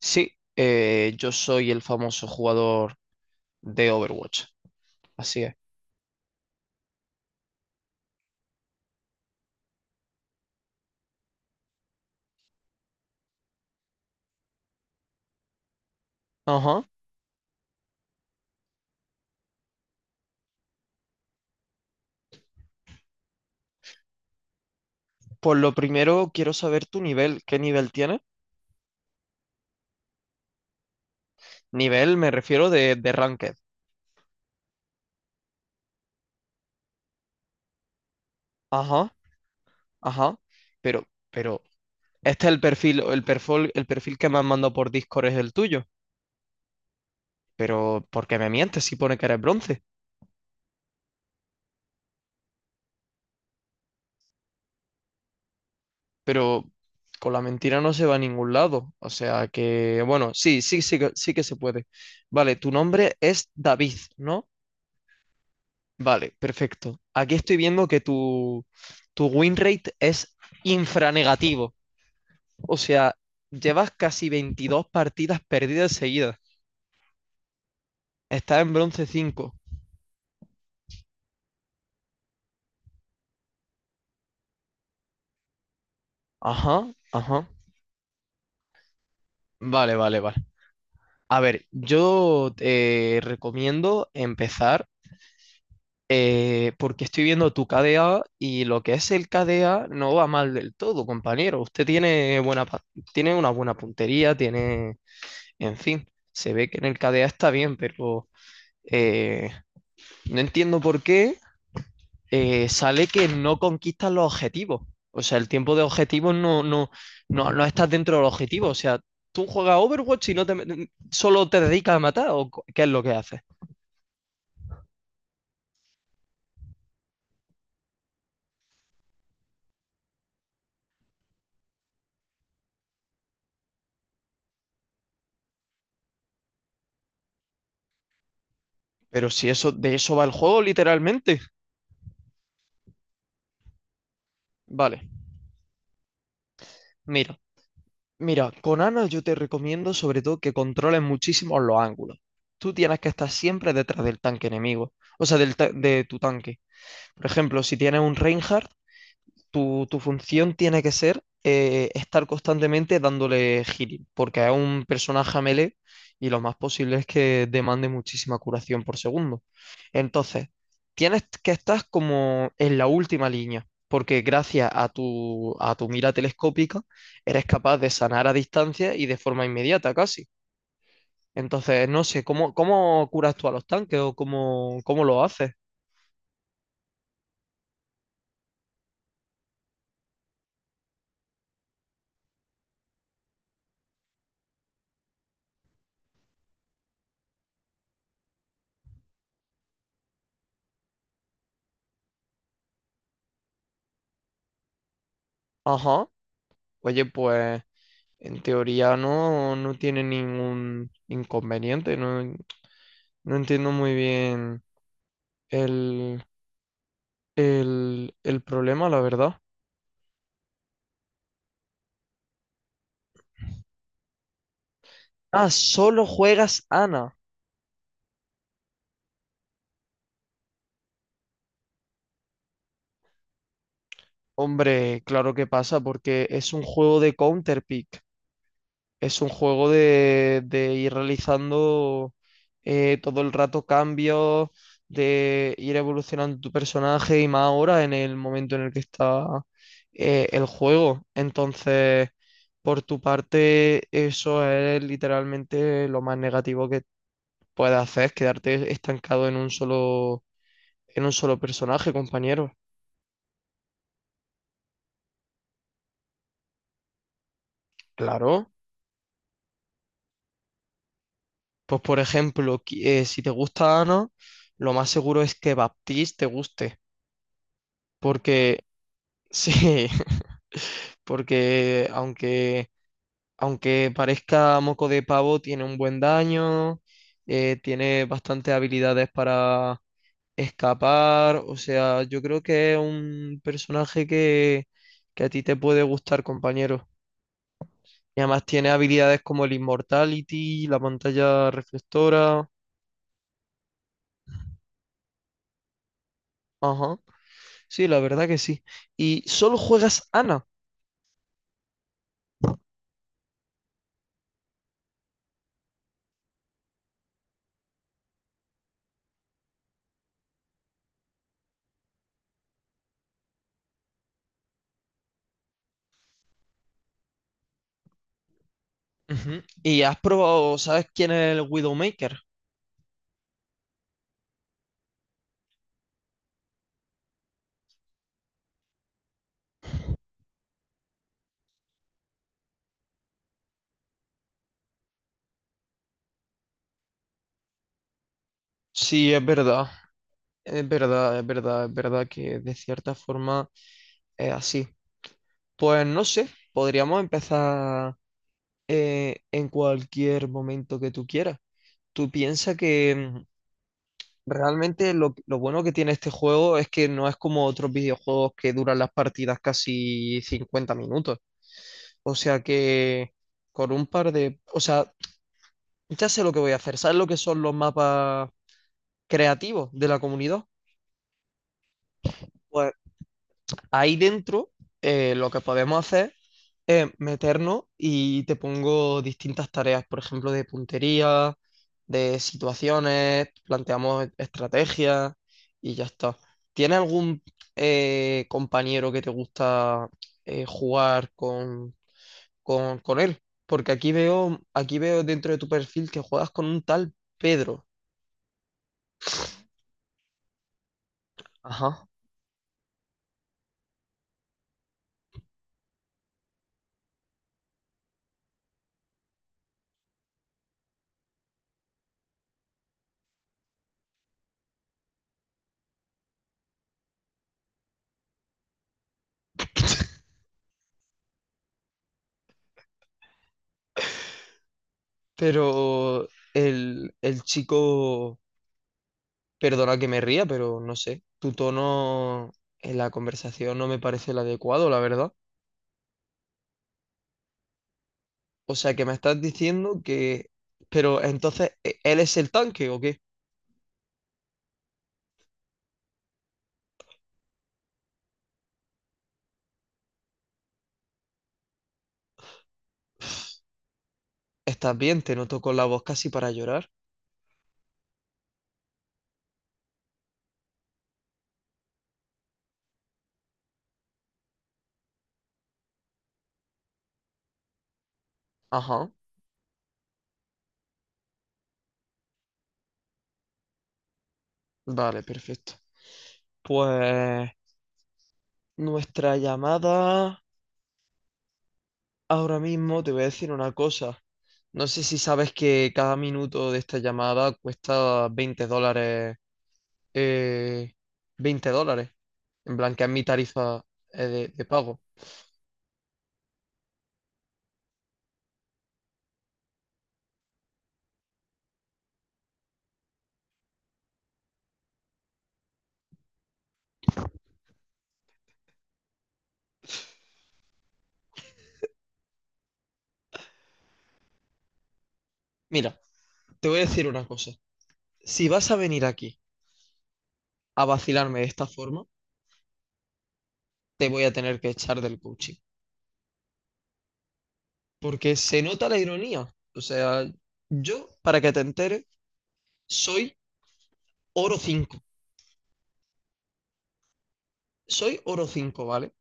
Sí, yo soy el famoso jugador de Overwatch. Así es. Ajá. Por lo primero quiero saber tu nivel. ¿Qué nivel tienes? Nivel me refiero de ranked. Ajá, ajá. Pero, pero, este es el perfil que me han mandado por Discord es el tuyo. Pero, ¿por qué me mientes si pone que eres bronce? Pero con la mentira no se va a ningún lado. O sea que, bueno, sí, sí, sí, sí que se puede. Vale, tu nombre es David, ¿no? Vale, perfecto. Aquí estoy viendo que tu win rate es infranegativo. O sea, llevas casi 22 partidas perdidas seguidas. Estás en bronce 5. Ajá, ajá. Vale, vale, vale. A ver, yo te recomiendo empezar, porque estoy viendo tu KDA y lo que es el KDA no va mal del todo, compañero. Usted tiene buena, tiene una buena puntería, tiene, en fin, se ve que en el KDA está bien, pero eh, no entiendo por qué sale que no conquistas los objetivos. O sea, el tiempo de objetivos no estás dentro del objetivo. O sea, tú juegas Overwatch y no te, solo te dedicas a matar, o qué es lo que haces. Pero si eso, de eso va el juego, literalmente. Vale, mira, mira, con Ana yo te recomiendo sobre todo que controles muchísimo los ángulos. Tú tienes que estar siempre detrás del tanque enemigo, o sea, de tu tanque. Por ejemplo, si tienes un Reinhardt, tu función tiene que ser, estar constantemente dándole healing, porque es un personaje a melee y lo más posible es que demande muchísima curación por segundo. Entonces, tienes que estar como en la última línea, porque gracias a a tu mira telescópica eres capaz de sanar a distancia y de forma inmediata casi. Entonces, no sé, ¿cómo, cómo curas tú a los tanques o cómo, cómo lo haces? Ajá. Oye, pues en teoría no tiene ningún inconveniente. No, no entiendo muy bien el, el problema, la verdad. Ah, solo juegas Ana. Hombre, claro que pasa porque es un juego de Counterpick. Es un juego de ir realizando todo el rato cambios, de ir evolucionando tu personaje y más ahora en el momento en el que está el juego. Entonces, por tu parte, eso es literalmente lo más negativo que puedes hacer, es quedarte estancado en un solo personaje, compañero. Claro. Pues por ejemplo, si te gusta Ana, lo más seguro es que Baptiste te guste, porque sí, porque aunque parezca moco de pavo, tiene un buen daño, tiene bastantes habilidades para escapar. O sea, yo creo que es un personaje que a ti te puede gustar, compañero. Y además tiene habilidades como el Immortality, la pantalla reflectora. Ajá, sí, la verdad que sí. Y solo juegas Ana. Ujú. Y has probado, ¿sabes quién es el Widowmaker? Sí, es verdad. Es verdad, es verdad, es verdad que de cierta forma es así. Pues no sé, podríamos empezar en cualquier momento que tú quieras. Tú piensas que realmente lo bueno que tiene este juego es que no es como otros videojuegos que duran las partidas casi 50 minutos. O sea que con un par de... O sea, ya sé lo que voy a hacer. ¿Sabes lo que son los mapas creativos de la comunidad? Pues ahí dentro, lo que podemos hacer, meternos y te pongo distintas tareas, por ejemplo, de puntería, de situaciones, planteamos estrategias y ya está. ¿Tienes algún compañero que te gusta jugar con él? Porque aquí veo dentro de tu perfil que juegas con un tal Pedro. Ajá. Pero el chico... Perdona que me ría, pero no sé, tu tono en la conversación no me parece el adecuado, la verdad. O sea, que me estás diciendo que... Pero entonces, ¿él es el tanque o qué? ¿Estás bien? Te noto con la voz casi para llorar. Ajá, vale, perfecto. Pues nuestra llamada... Ahora mismo te voy a decir una cosa. No sé si sabes que cada minuto de esta llamada cuesta 20 dólares. eh, 20 dólares. En plan, que es mi tarifa de pago. Mira, te voy a decir una cosa. Si vas a venir aquí a vacilarme de esta forma, te voy a tener que echar del coaching. Porque se nota la ironía. O sea, yo, para que te enteres, soy oro 5. Soy oro 5, ¿vale?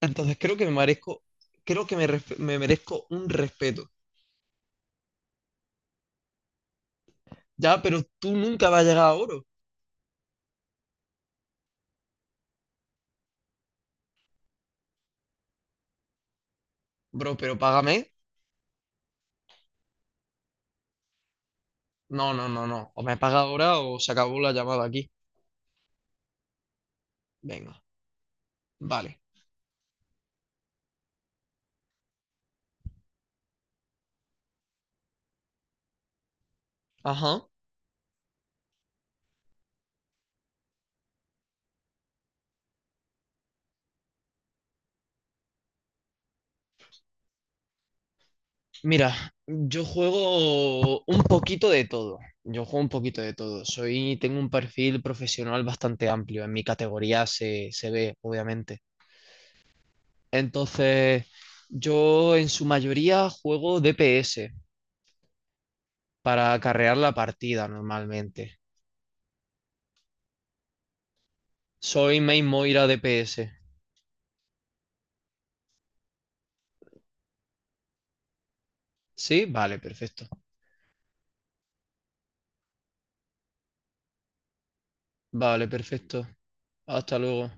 Entonces creo que me merezco, creo que me merezco un respeto. Ya, pero tú nunca vas a llegar a oro. Bro, pero págame. No, no, no, no. O me paga ahora o se acabó la llamada aquí. Venga, vale. Ajá. Mira, yo juego un poquito de todo. Yo juego un poquito de todo. Soy, tengo un perfil profesional bastante amplio. En mi categoría se ve, obviamente. Entonces, yo en su mayoría juego DPS para acarrear la partida normalmente. Soy Main Moira DPS. ¿Sí? Vale, perfecto. Vale, perfecto. Hasta luego.